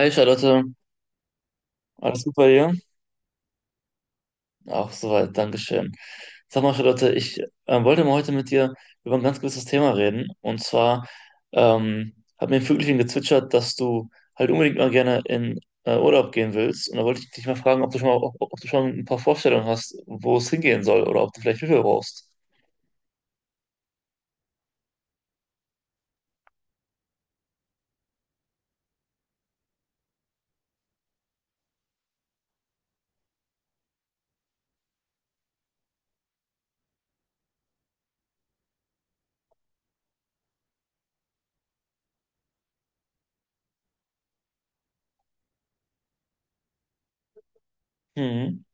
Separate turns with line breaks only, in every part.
Hi Charlotte, alles gut bei dir? Auch soweit, Dankeschön. Sag mal Charlotte, ich wollte mal heute mit dir über ein ganz gewisses Thema reden. Und zwar hat mir ein Vögelchen gezwitschert, dass du halt unbedingt mal gerne in Urlaub gehen willst. Und da wollte ich dich mal fragen, ob du schon ein paar Vorstellungen hast, wo es hingehen soll oder ob du vielleicht Hilfe brauchst. Mhm.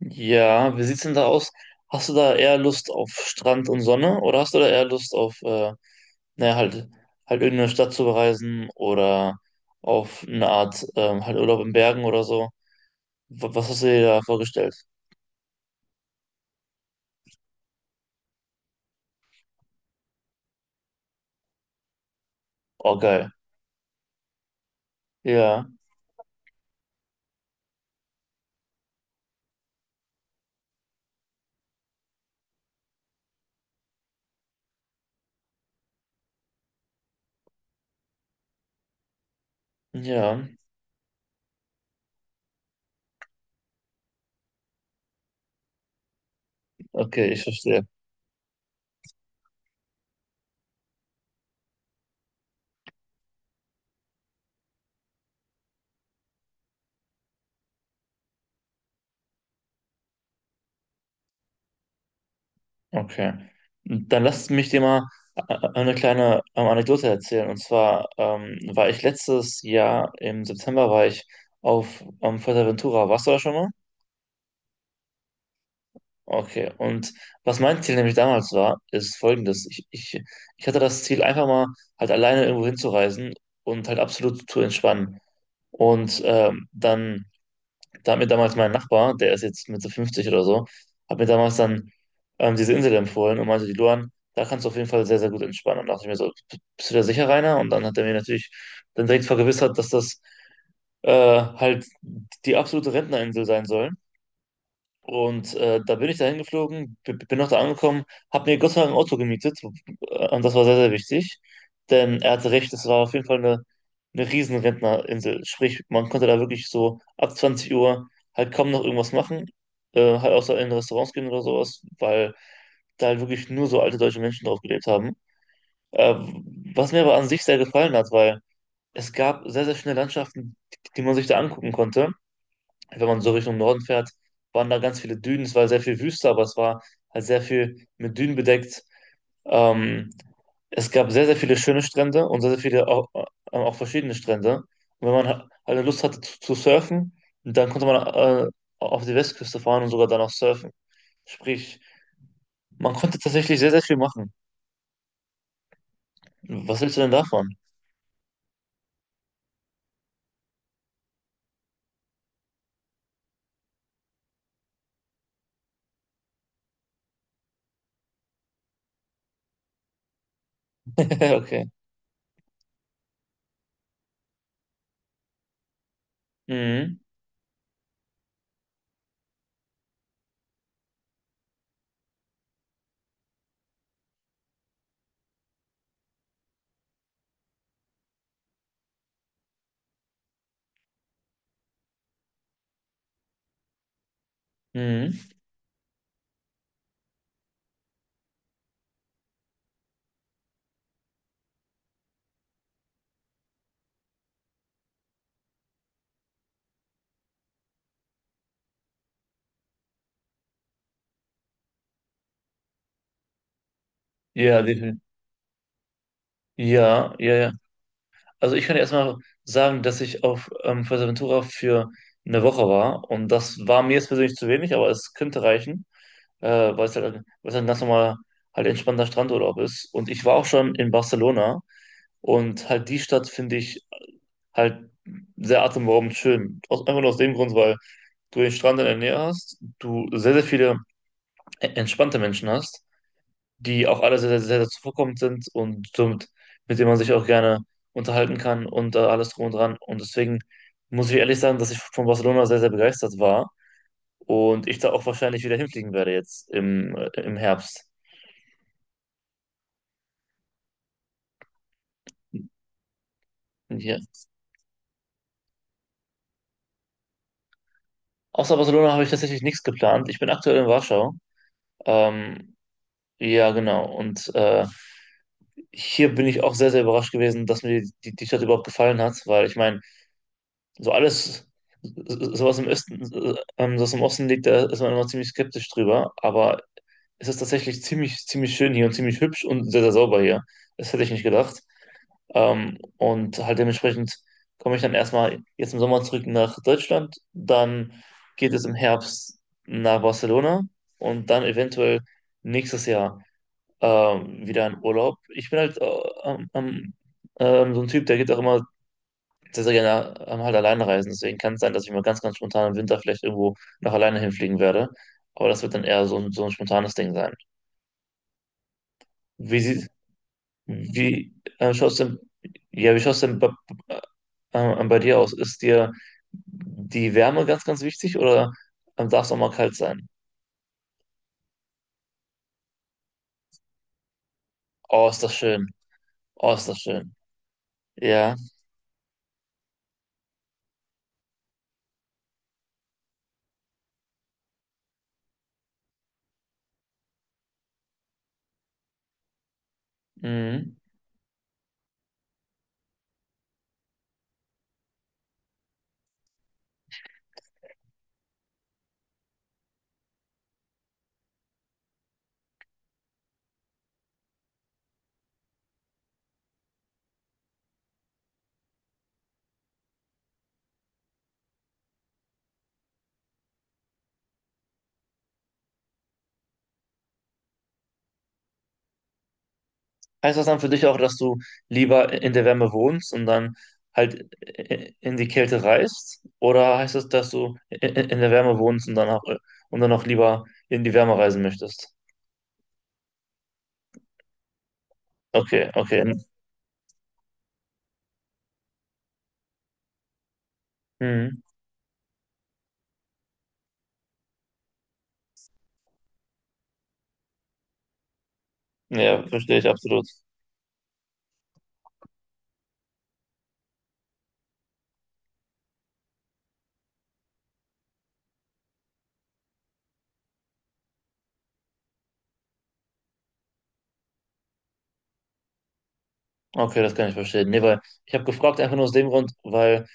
Ja, wie sieht's denn da aus? Hast du da eher Lust auf Strand und Sonne oder hast du da eher Lust auf, naja, halt irgendeine Stadt zu bereisen oder auf eine Art, halt Urlaub in Bergen oder so? Was hast du dir da vorgestellt? Oh, geil. Ja, ja, okay, ich verstehe. Okay. Dann lass mich dir mal äh, eine kleine Anekdote erzählen. Und zwar war ich letztes Jahr im September, war ich auf Fuerteventura. Warst du da schon mal? Okay, und was mein Ziel nämlich damals war, ist folgendes. Ich hatte das Ziel, einfach mal halt alleine irgendwo hinzureisen und halt absolut zu entspannen. Und dann, da hat mir damals mein Nachbar, der ist jetzt Mitte 50 oder so, hat mir damals dann diese Insel empfohlen und meinte, die Luan, da kannst du auf jeden Fall sehr, sehr gut entspannen. Und dachte ich mir so: Bist du da sicher, Rainer?" Und dann hat er mir natürlich dann direkt vergewissert, dass das halt die absolute Rentnerinsel sein soll und da bin ich da hingeflogen, bin auch da angekommen, habe mir Gott sei Dank ein Auto gemietet und das war sehr, sehr wichtig, denn er hatte recht, es war auf jeden Fall eine riesen Rentnerinsel, sprich, man konnte da wirklich so ab 20 Uhr halt kaum noch irgendwas machen, halt außer in Restaurants gehen oder sowas, weil da halt wirklich nur so alte deutsche Menschen drauf gelebt haben. Äh, Was mir aber an sich sehr gefallen hat, weil es gab sehr, sehr schöne Landschaften, die man sich da angucken konnte, wenn man so Richtung Norden fährt, waren da ganz viele Dünen. Es war sehr viel Wüste, aber es war halt sehr viel mit Dünen bedeckt. Ähm, Es gab sehr, sehr viele schöne Strände und sehr, sehr viele auch, auch verschiedene Strände. Und wenn man halt Lust hatte zu surfen, dann konnte man auf die Westküste fahren und sogar dann auch surfen. Sprich, man konnte tatsächlich sehr, sehr viel machen. Was hältst du denn davon? Okay. Mhm. Mhm. Ja, definitiv. Ja, ja, ja. Also ich kann erstmal sagen, dass ich auf Fuerteventura für eine Woche war und das war mir jetzt persönlich zu wenig, aber es könnte reichen, weil es halt ein ganz normaler, halt entspannter Strandurlaub ist. Und ich war auch schon in Barcelona und halt die Stadt finde ich halt sehr atemberaubend schön. Aus, einfach nur aus dem Grund, weil du den Strand in der Nähe hast, du sehr, sehr viele entspannte Menschen hast, die auch alle sehr, sehr, sehr zuvorkommend sind und somit, mit denen man sich auch gerne unterhalten kann und alles drum und dran. Und deswegen muss ich ehrlich sagen, dass ich von Barcelona sehr, sehr begeistert war und ich da auch wahrscheinlich wieder hinfliegen werde jetzt im Herbst. Ja. Außer Barcelona habe ich tatsächlich nichts geplant. Ich bin aktuell in Warschau. Ähm, ja, genau. Und hier bin ich auch sehr, sehr überrascht gewesen, dass mir die Stadt überhaupt gefallen hat, weil ich meine, so alles, sowas im Osten, das im Osten liegt, da ist man immer ziemlich skeptisch drüber. Aber es ist tatsächlich ziemlich, ziemlich schön hier und ziemlich hübsch und sehr, sehr sauber hier. Das hätte ich nicht gedacht. Und halt dementsprechend komme ich dann erstmal jetzt im Sommer zurück nach Deutschland. Dann geht es im Herbst nach Barcelona und dann eventuell nächstes Jahr wieder in Urlaub. Ich bin halt ähm, so ein Typ, der geht auch immer sehr, sehr gerne halt alleine reisen. Deswegen kann es sein, dass ich mal ganz, ganz spontan im Winter vielleicht irgendwo noch alleine hinfliegen werde. Aber das wird dann eher so ein spontanes Ding sein. Wie sieht, wie äh, schaut's denn, ja, Wie schaut's denn äh, bei dir aus? Ist dir die Wärme ganz, ganz wichtig oder darf es auch mal kalt sein? Oh, ist das schön. Oh, ist das schön. Ja. Mhm. Heißt das dann für dich auch, dass du lieber in der Wärme wohnst und dann halt in die Kälte reist? Oder heißt das, dass du in der Wärme wohnst und dann auch lieber in die Wärme reisen möchtest? Okay, okay. Mhm. Ja, verstehe ich absolut. Okay, das kann ich verstehen. Nee, weil ich habe gefragt einfach nur aus dem Grund, weil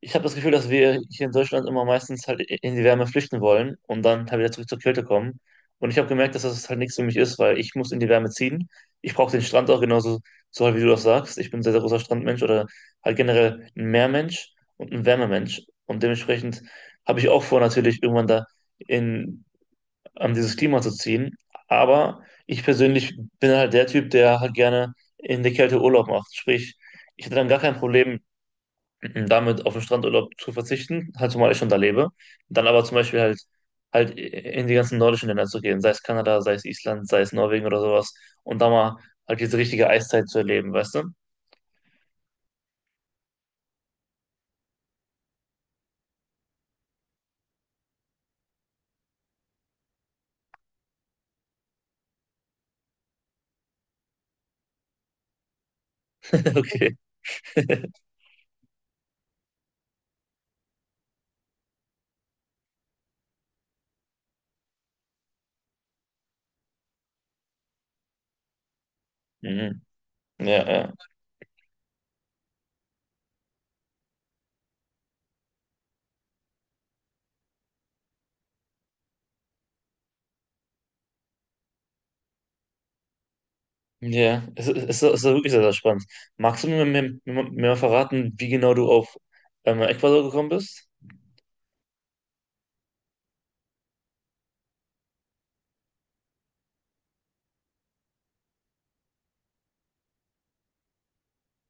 ich habe das Gefühl, dass wir hier in Deutschland immer meistens halt in die Wärme flüchten wollen und dann halt wieder zurück zur Kälte kommen. Und ich habe gemerkt, dass das halt nichts für mich ist, weil ich muss in die Wärme ziehen. Ich brauche den Strand auch genauso, so halt wie du das sagst. Ich bin ein sehr, sehr großer Strandmensch oder halt generell ein Meermensch und ein Wärmemensch. Und dementsprechend habe ich auch vor, natürlich irgendwann da in dieses Klima zu ziehen. Aber ich persönlich bin halt der Typ, der halt gerne in der Kälte Urlaub macht. Sprich, ich hätte dann gar kein Problem damit, auf den Strandurlaub zu verzichten, halt zumal ich schon da lebe. Dann aber zum Beispiel halt in die ganzen nordischen Länder zu gehen, sei es Kanada, sei es Island, sei es Norwegen oder sowas. Und da mal halt diese richtige Eiszeit zu erleben, weißt du? Okay. Mhm. Ja, ja. Ja, wirklich sehr, sehr spannend. Magst du mir mal verraten, wie genau du auf Ecuador gekommen bist?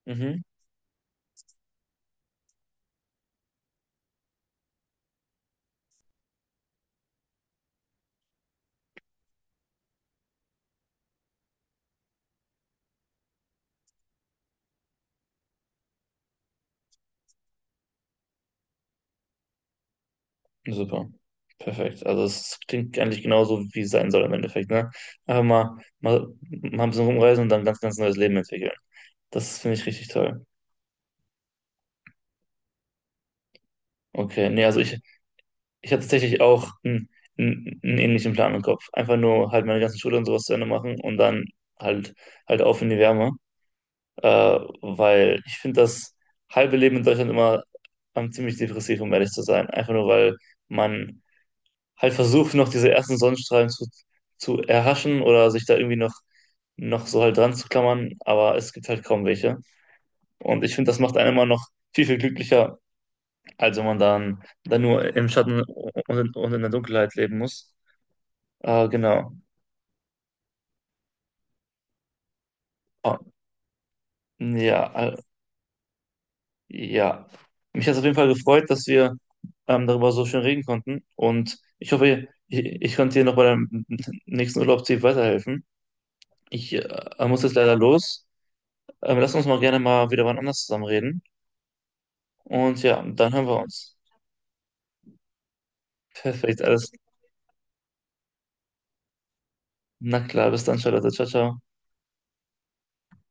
Mhm, super. Perfekt. Also es klingt eigentlich genauso, wie es sein soll im Endeffekt, ne? Einfach mal ein bisschen rumreisen und dann ein ganz, ganz neues Leben entwickeln. Das finde ich richtig toll. Okay, nee, also ich hatte tatsächlich auch einen ähnlichen Plan im Kopf. Einfach nur halt meine ganze Schule und sowas zu Ende machen und dann halt, halt auf in die Wärme. Weil ich finde das halbe Leben in Deutschland immer ziemlich depressiv, um ehrlich zu sein. Einfach nur, weil man halt versucht, noch diese ersten Sonnenstrahlen zu erhaschen oder sich da irgendwie noch so halt dran zu klammern, aber es gibt halt kaum welche. Und ich finde, das macht einen immer noch viel, viel glücklicher, als wenn man dann nur im Schatten und in der Dunkelheit leben muss. Genau. Ah, ja, ja, mich hat es auf jeden Fall gefreut, dass wir darüber so schön reden konnten. Und ich hoffe, ich konnte dir noch bei deinem nächsten Urlaubsziel weiterhelfen. Ich muss jetzt leider los. Lass uns mal gerne mal wieder wann anders zusammen reden. Und ja, dann hören wir uns. Perfekt, alles. Na klar, bis dann, Charlotte. Ciao, ciao.